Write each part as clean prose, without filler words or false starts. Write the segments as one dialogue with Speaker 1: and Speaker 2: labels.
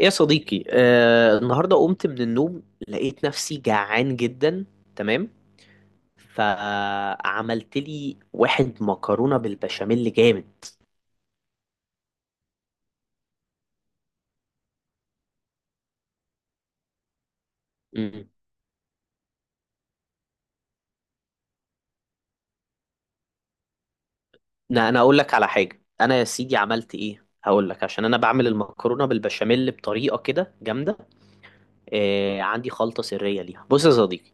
Speaker 1: ايه يا صديقي، النهارده قمت من النوم، لقيت نفسي جعان جدا. تمام. فعملت لي واحد مكرونه بالبشاميل جامد. مم. لا، انا اقول لك على حاجه. انا يا سيدي عملت ايه، هقول لك، عشان انا بعمل المكرونه بالبشاميل بطريقه كده جامده. عندي خلطه سريه ليها، بص يا صديقي.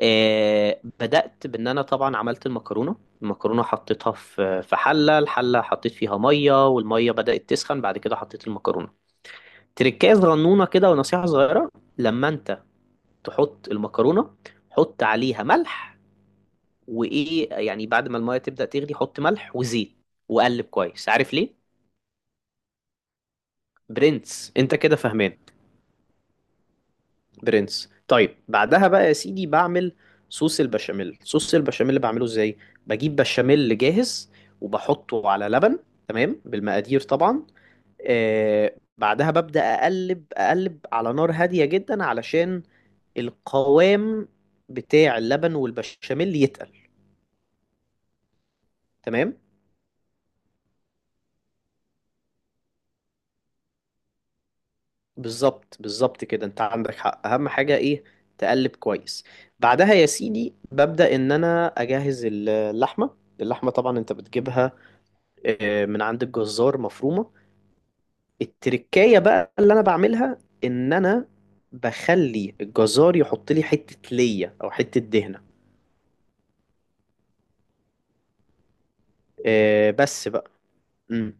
Speaker 1: بدأت بإن أنا طبعا عملت المكرونة. المكرونة حطيتها في حلة، الحلة حطيت فيها مية، والمية بدأت تسخن، بعد كده حطيت المكرونة. تركايه صغنونه كده، ونصيحة صغيرة: لما انت تحط المكرونة حط عليها ملح. وايه يعني، بعد ما المية تبدأ تغلي حط ملح وزيت، وقلب كويس. عارف ليه؟ برنس انت كده فهمان. برنس. طيب بعدها بقى يا سيدي بعمل صوص البشاميل. صوص البشاميل اللي بعمله ازاي؟ بجيب بشاميل جاهز وبحطه على لبن، تمام بالمقادير طبعا. بعدها ببدأ أقلب أقلب على نار هادية جدا علشان القوام بتاع اللبن والبشاميل يتقل. تمام. بالظبط، بالظبط كده انت عندك حق، اهم حاجة ايه؟ تقلب كويس. بعدها يا سيدي ببدأ ان انا اجهز اللحمة. اللحمة طبعا انت بتجيبها من عند الجزار مفرومة. التركاية بقى اللي انا بعملها ان انا بخلي الجزار يحط لي حتة ليا او حتة دهنة. بس بقى. مم.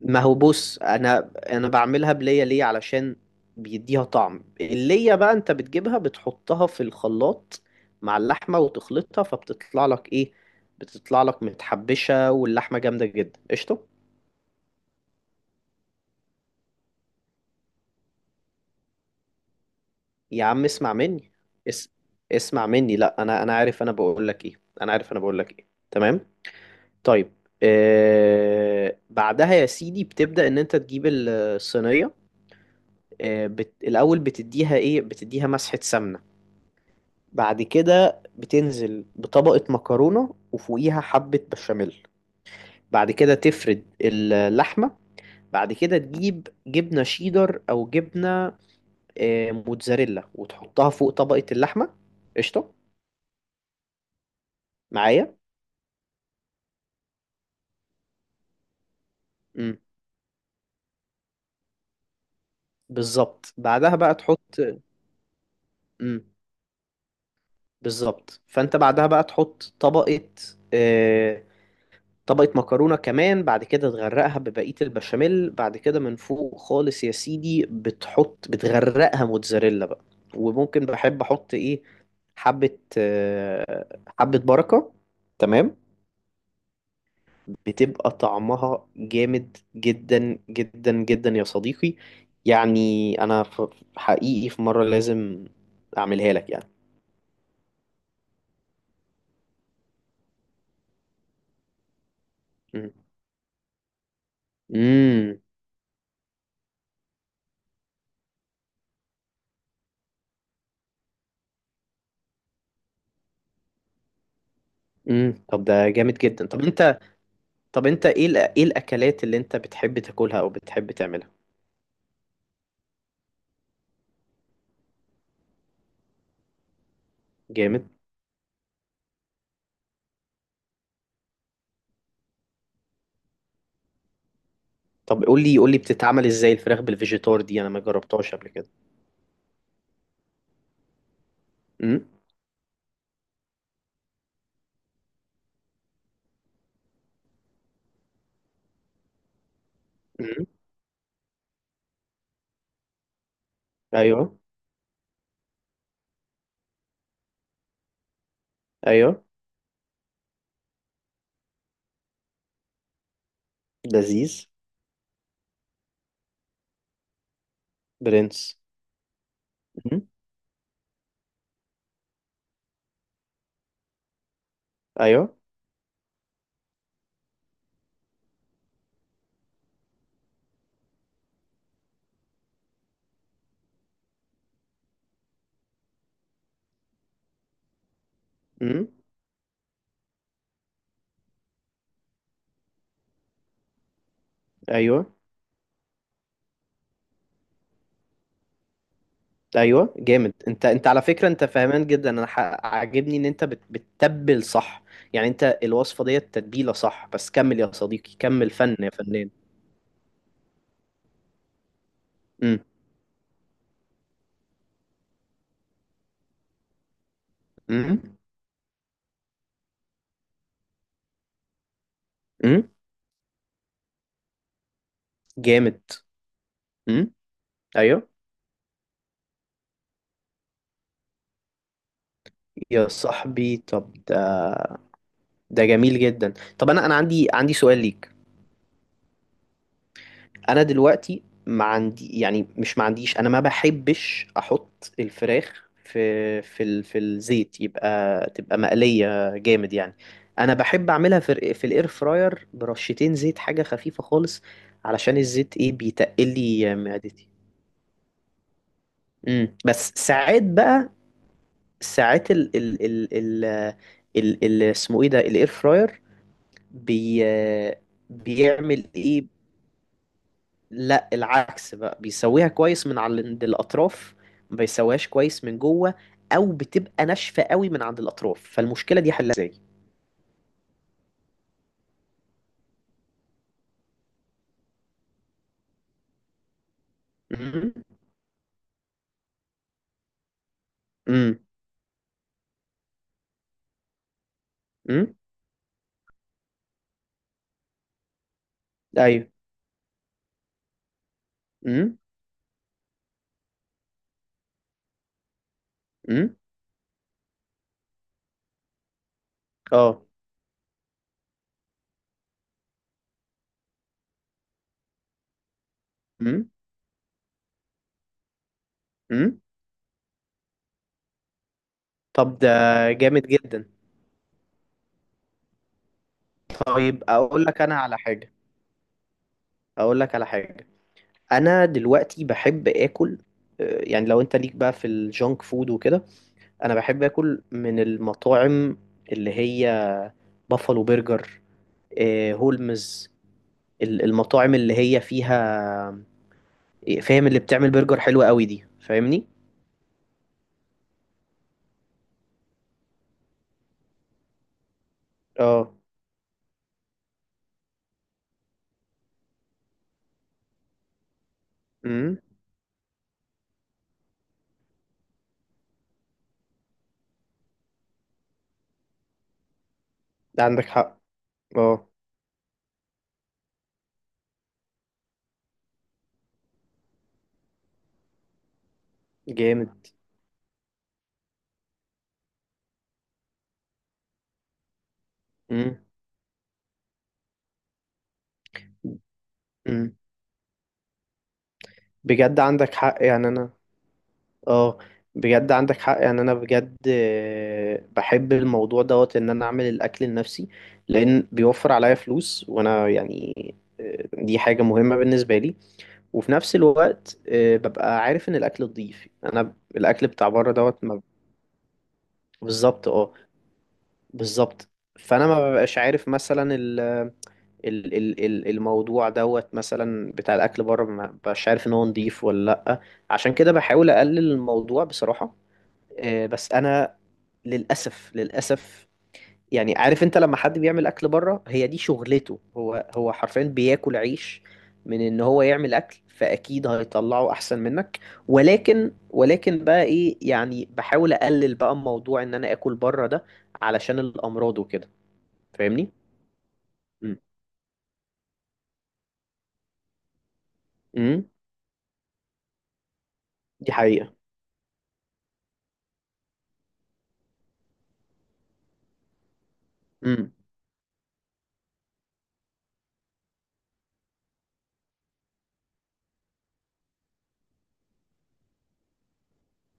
Speaker 1: ما هو بص، انا بعملها بلية ليه؟ علشان بيديها طعم. اللية بقى انت بتجيبها بتحطها في الخلاط مع اللحمة وتخلطها، فبتطلع لك ايه؟ بتطلع لك متحبشة واللحمة جامدة جدا، قشطة. يا عم اسمع مني، اس... اسمع مني. لا، انا عارف انا بقول لك ايه، انا عارف انا بقول لك ايه، تمام. طيب. بعدها يا سيدي بتبدأ ان انت تجيب الصينية. الأول بتديها إيه؟ بتديها مسحة سمنة. بعد كده بتنزل بطبقة مكرونة، وفوقيها حبة بشاميل. بعد كده تفرد اللحمة. بعد كده تجيب جبنة شيدر أو جبنة موتزاريلا، وتحطها فوق طبقة اللحمة. قشطة، معايا. مم. بالظبط. بعدها بقى تحط. مم. بالظبط، فأنت بعدها بقى تحط آه، طبقة مكرونة كمان. بعد كده تغرقها ببقية البشاميل، بعد كده من فوق خالص يا سيدي بتغرقها موتزاريلا بقى. وممكن بحب احط ايه؟ حبة بركة، تمام. بتبقى طعمها جامد جدا جدا جدا يا صديقي. يعني انا حقيقي في مرة لازم اعملها لك يعني. مم. امم. طب ده جامد جدا. طب انت ايه ايه الاكلات اللي انت بتحب تاكلها او بتحب تعملها؟ جامد. طب قول لي بتتعمل ازاي الفراخ بالفيجيتار دي؟ انا ما جربتهاش قبل كده. امم. امم. ايوه. ايوه. لذيذ. برنس. امم. ايوه. امم. ايوه. ايوه. جامد. انت على فكره انت فاهمان جدا. انا عاجبني ان انت بتتبل صح. يعني انت الوصفه ديت تتبيله صح، بس كمل يا صديقي، كمل فن يا فنان. امم. امم. امم. جامد. امم. ايوه. يا صاحبي طب ده جميل جدا. طب انا عندي سؤال ليك. انا دلوقتي ما عندي، يعني مش ما عنديش، انا ما بحبش احط الفراخ في في الزيت، يبقى تبقى مقلية جامد يعني. انا بحب اعملها في في الاير فراير، برشتين زيت، حاجة خفيفة خالص، علشان الزيت ايه بيتقل لي معدتي. بس ساعات بقى، ساعات اسمه ايه ده، الاير فراير؟ بي بيعمل ايه؟ لا، العكس بقى، بيسويها كويس من على عند الاطراف، ما بيسويهاش كويس من جوه، او بتبقى ناشفه قوي من عند الاطراف، فالمشكله دي حلها ازاي؟ امم. امم. امم. ايوه. امم. امم. اه. امم. امم. طب ده جامد جدا. طيب اقول لك انا على حاجه، اقول لك على حاجه. انا دلوقتي بحب اكل، يعني لو انت ليك بقى في الجونك فود وكده، انا بحب اكل من المطاعم اللي هي بافالو برجر، هولمز، المطاعم اللي هي فيها، فاهم؟ اللي بتعمل برجر حلوة قوي دي، فاهمني؟ اه. امم. ده عندك حق. اه. جامد. امم. امم. بجد عندك حق يعني انا. اه، بجد عندك حق يعني انا، بجد بحب الموضوع دوت، ان انا اعمل الاكل لنفسي، لان بيوفر عليا فلوس، وانا يعني دي حاجة مهمة بالنسبة لي. وفي نفس الوقت ببقى عارف ان الاكل نضيف، انا الاكل بتاع بره دوت بالظبط. اه، بالظبط. فانا ما ببقاش عارف مثلا الموضوع دوت مثلا بتاع الاكل بره، ما ببقاش عارف ان هو نضيف ولا لا. عشان كده بحاول اقلل الموضوع بصراحة. بس انا، للاسف، للاسف يعني، عارف انت لما حد بيعمل اكل بره هي دي شغلته، هو حرفيا بياكل عيش من ان هو يعمل اكل، فاكيد هيطلعه احسن منك. ولكن بقى ايه يعني، بحاول اقلل بقى موضوع ان انا اكل بره ده، علشان الامراض وكده. فاهمني؟ امم. امم. دي حقيقة. امم.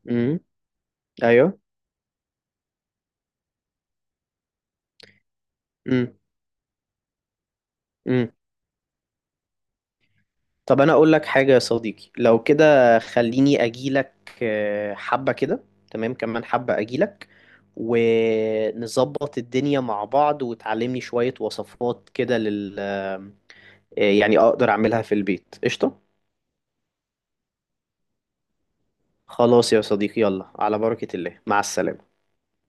Speaker 1: امم. ايوه. امم. امم. طب انا اقول لك حاجة يا صديقي، لو كده خليني اجيلك حبة كده، تمام، كمان حبة اجيلك، ونظبط الدنيا مع بعض، وتعلمني شوية وصفات كده لل يعني أقدر أعملها في البيت، قشطة. خلاص يا صديقي، يلا على بركة الله، مع السلامة.